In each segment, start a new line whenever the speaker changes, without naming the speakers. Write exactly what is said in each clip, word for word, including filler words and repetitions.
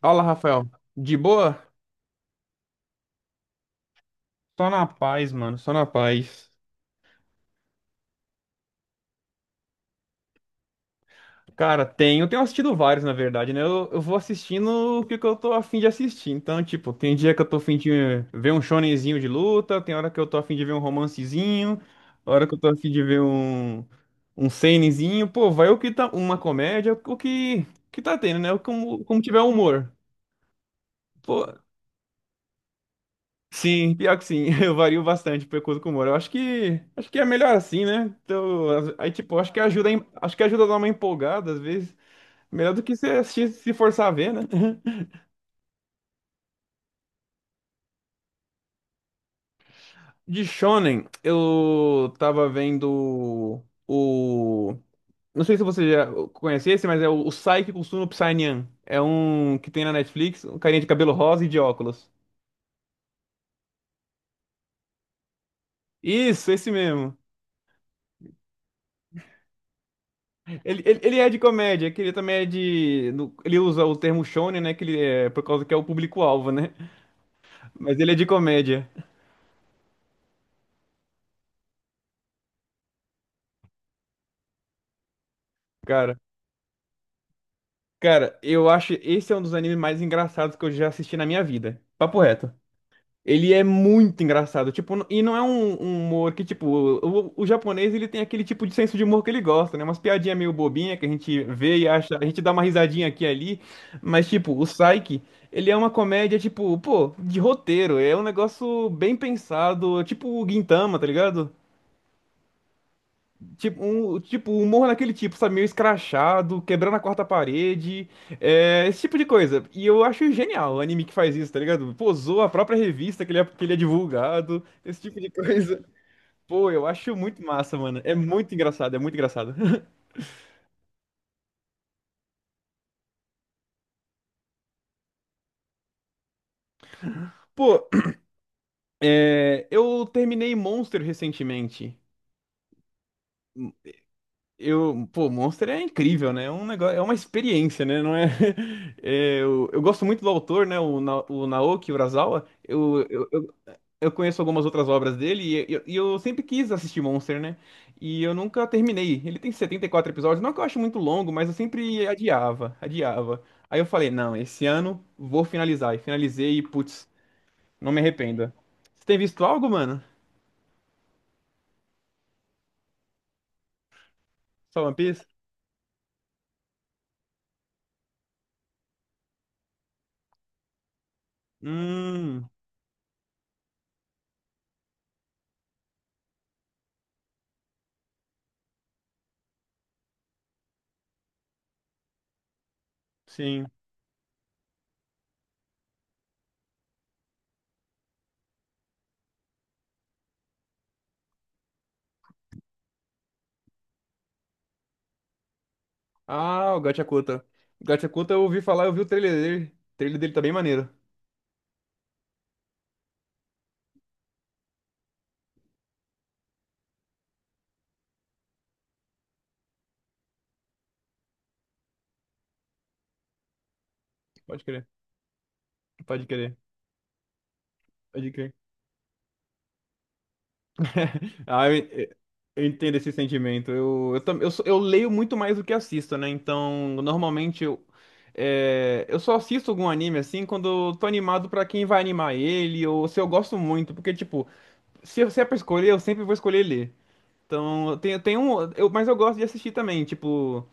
Fala, Rafael. De boa? Só na paz, mano. Só na paz. Cara, tem. Eu tenho assistido vários, na verdade, né? Eu, eu vou assistindo o que, que eu tô afim de assistir. Então, tipo, tem dia que eu tô afim de ver um shonenzinho de luta, tem hora que eu tô afim de ver um romancezinho, hora que eu tô afim de ver um, um seinenzinho. Pô, vai o que tá. Uma comédia, o que, o que tá tendo, né? O, como, como tiver humor. Pô, Sim, pior que sim, eu vario bastante de acordo com o humor. Eu acho que acho que é melhor assim, né? Então, as- aí tipo, acho que ajuda, a em- acho que ajuda a dar uma empolgada às vezes, melhor do que você assistir, se forçar a ver, né? De shonen, eu tava vendo o não sei se você já conhece esse, mas é o, o Saiki Kusuno Psainyan. É um que tem na Netflix, um carinha de cabelo rosa e de óculos. Isso, esse mesmo. Ele, ele, ele é de comédia, que ele também é de. No- ele usa o termo shonen, né? Que ele é por causa que é o público-alvo, né? Mas ele é de comédia, cara. Cara, eu acho esse é um dos animes mais engraçados que eu já assisti na minha vida. Papo reto. Ele é muito engraçado, tipo, n- e não é um, um humor que, tipo, o, o japonês, ele tem aquele tipo de senso de humor que ele gosta, né? Umas piadinhas meio bobinha que a gente vê e acha, a gente dá uma risadinha aqui e ali, mas, tipo, o Psyche, ele é uma comédia, tipo, pô, de roteiro, é um negócio bem pensado, tipo o Gintama, tá ligado? Tipo, um, tipo, humor naquele tipo, sabe? Meio escrachado, quebrando a quarta parede, é, esse tipo de coisa. E eu acho genial o anime que faz isso, tá ligado? Pô, zoa a própria revista que ele é, que ele é divulgado, esse tipo de coisa. Pô, eu acho muito massa, mano. É muito engraçado, é muito engraçado. Pô, é, eu terminei Monster recentemente. Eu, pô, Monster é incrível, né? É um negócio, é uma experiência, né? Não é, é, eu, eu gosto muito do autor, né? O, Na- o Naoki Urasawa. Eu, eu, eu conheço algumas outras obras dele e eu, e eu sempre quis assistir Monster, né? E eu nunca terminei. Ele tem setenta e quatro episódios, não que eu acho muito longo, mas eu sempre adiava, adiava. Aí eu falei, não, esse ano vou finalizar. E finalizei e, putz, não me arrependo. Você tem visto algo, mano? Só One Piece? Hum, sim. Ah, o Gachakuta. O Gachakuta eu ouvi falar, eu vi o trailer dele. O trailer dele tá bem maneiro. Pode crer, pode crer, pode crer. Ah, eu, eu entendo esse sentimento. Eu, eu, tam- eu, sou- eu leio muito mais do que assisto, né? Então, normalmente eu, é, eu só assisto algum anime assim quando eu tô animado pra quem vai animar ele, ou se eu gosto muito, porque, tipo, se, eu- se é pra escolher, eu sempre vou escolher ler. Então, eu tem, tenho um. Eu, mas eu gosto de assistir também, tipo.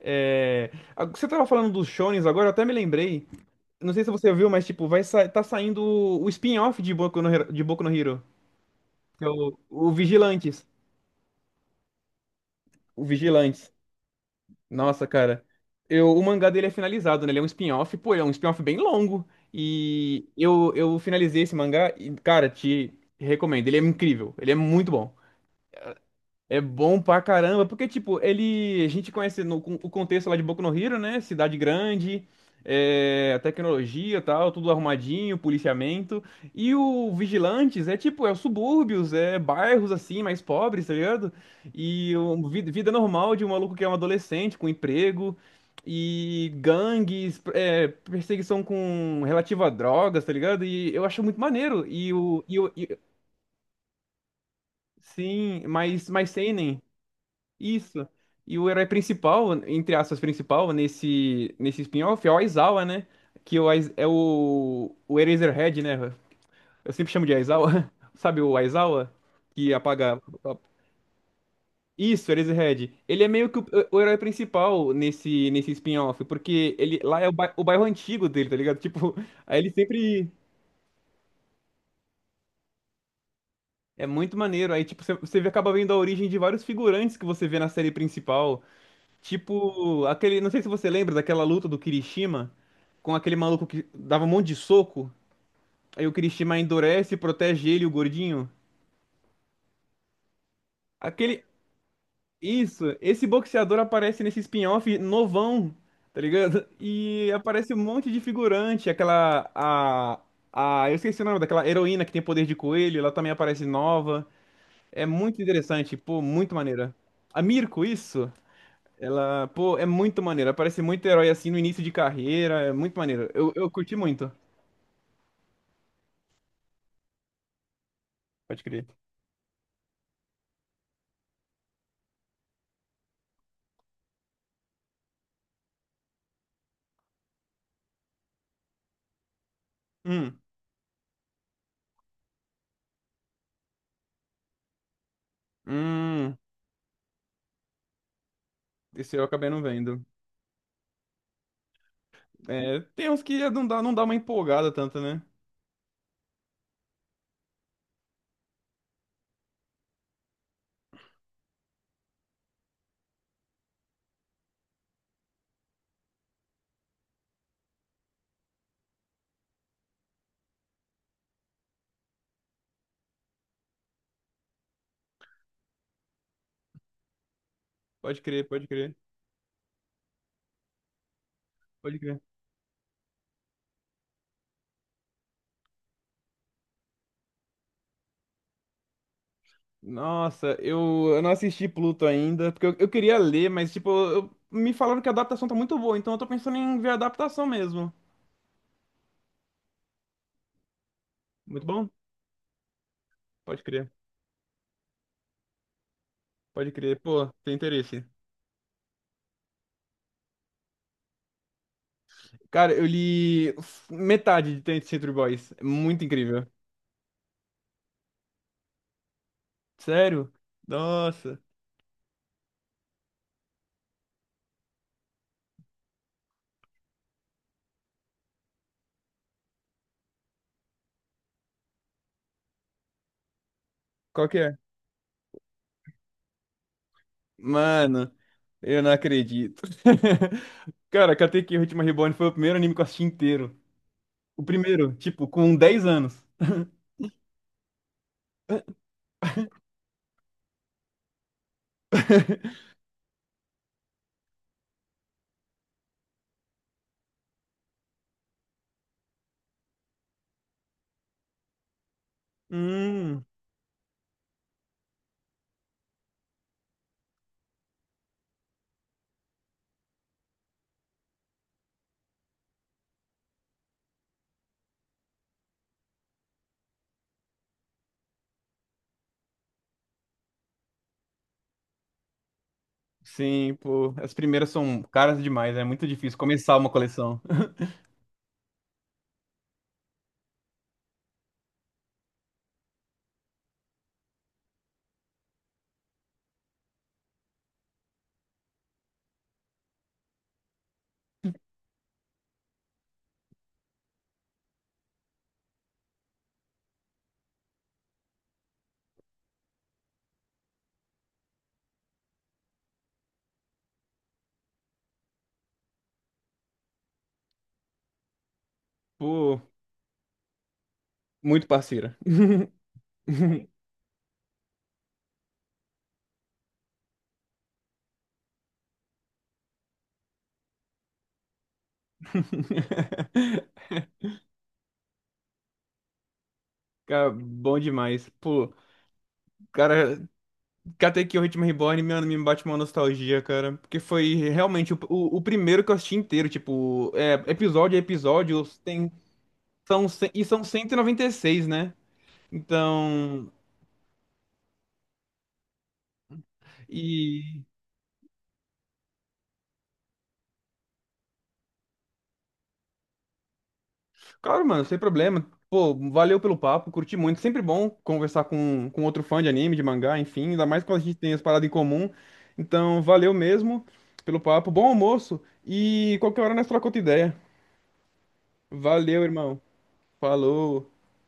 É, a- você tava falando dos shonens agora, eu até me lembrei. Não sei se você viu, mas tipo, vai sa tá saindo o o spin-off de Boku no Hero, de Boku no Hero, que é o, o Vigilantes. O Vigilantes. Nossa, cara. Eu, o mangá dele é finalizado, né? Ele é um spin-off, pô, ele é um spin-off bem longo. E eu, eu finalizei esse mangá e, cara, te recomendo. Ele é incrível. Ele é muito bom. É bom pra caramba, porque, tipo, ele. A gente conhece no, com- o contexto lá de Boku no Hero, né? Cidade grande, é, a tecnologia e tal, tudo arrumadinho, policiamento. E o Vigilantes é tipo, é os subúrbios, é bairros assim, mais pobres, tá ligado? E o, vi- vida normal de um maluco que é um adolescente, com emprego, e gangues, é, perseguição com relativa a drogas, tá ligado? E eu acho muito maneiro. E o. E o e- sim, mais, mais seinen. Isso. E o herói principal, entre aspas, principal, nesse, nesse spin-off é o Aizawa, né? Que o, Aiz- é o, o Eraserhead, né? Eu sempre chamo de Aizawa. Sabe o Aizawa? Que apaga. Isso, Eraserhead. Ele é meio que o, o herói principal nesse, nesse spin-off, porque ele lá é o, bai- o bairro antigo dele, tá ligado? Tipo, aí ele sempre. É muito maneiro. Aí, tipo, você você acaba vendo a origem de vários figurantes que você vê na série principal. Tipo, aquele. Não sei se você lembra daquela luta do Kirishima com aquele maluco que dava um monte de soco. Aí o Kirishima endurece, protege ele, o gordinho. Aquele. Isso, esse boxeador aparece nesse spin-off novão, tá ligado? E aparece um monte de figurante. Aquela. A. A. Eu esqueci o nome daquela heroína que tem poder de coelho, ela também aparece nova. É muito interessante, pô, muito maneira. A Mirko, isso? Ela, pô, é muito maneira. Ela parece muito herói assim no início de carreira. É muito maneiro. Eu, eu curti muito. Pode crer. Hum, hum, esse eu acabei não vendo. É, tem uns que não dá, não dá uma empolgada tanto, né? Pode crer, pode crer, pode crer. Nossa, eu, eu não assisti Pluto ainda, porque eu, eu queria ler, mas tipo, eu- me falaram que a adaptação tá muito boa, então eu tô pensando em ver a adaptação mesmo. Muito bom? Pode crer, pode crer. Pô, tem interesse. Cara, eu li f- metade de Ten Century Boys. É Muito incrível. Sério? Nossa. Qual que é? Mano, eu não acredito. Cara, Katekyo Hitman Reborn foi o primeiro anime que eu assisti inteiro. O primeiro, tipo, com dez anos. Hum. Sim, pô. As primeiras são caras demais, é muito difícil começar uma coleção. Pô, muito parceira. Cara, bom demais. Pô, cara, Katekyo Hitman Reborn, mano, me bate uma nostalgia, cara. Porque foi realmente o, o, o primeiro que eu assisti inteiro. Tipo, é, episódio a episódio, tem, são, cem- e são cento e noventa e seis, né? Então. E. Claro, mano, sem problema. Pô, valeu pelo papo, curti muito. Sempre bom conversar com, com outro fã de anime, de mangá, enfim. Ainda mais quando a gente tem as paradas em comum. Então, valeu mesmo pelo papo. Bom almoço. E qualquer hora nós trocamos outra ideia. Valeu, irmão. Falou.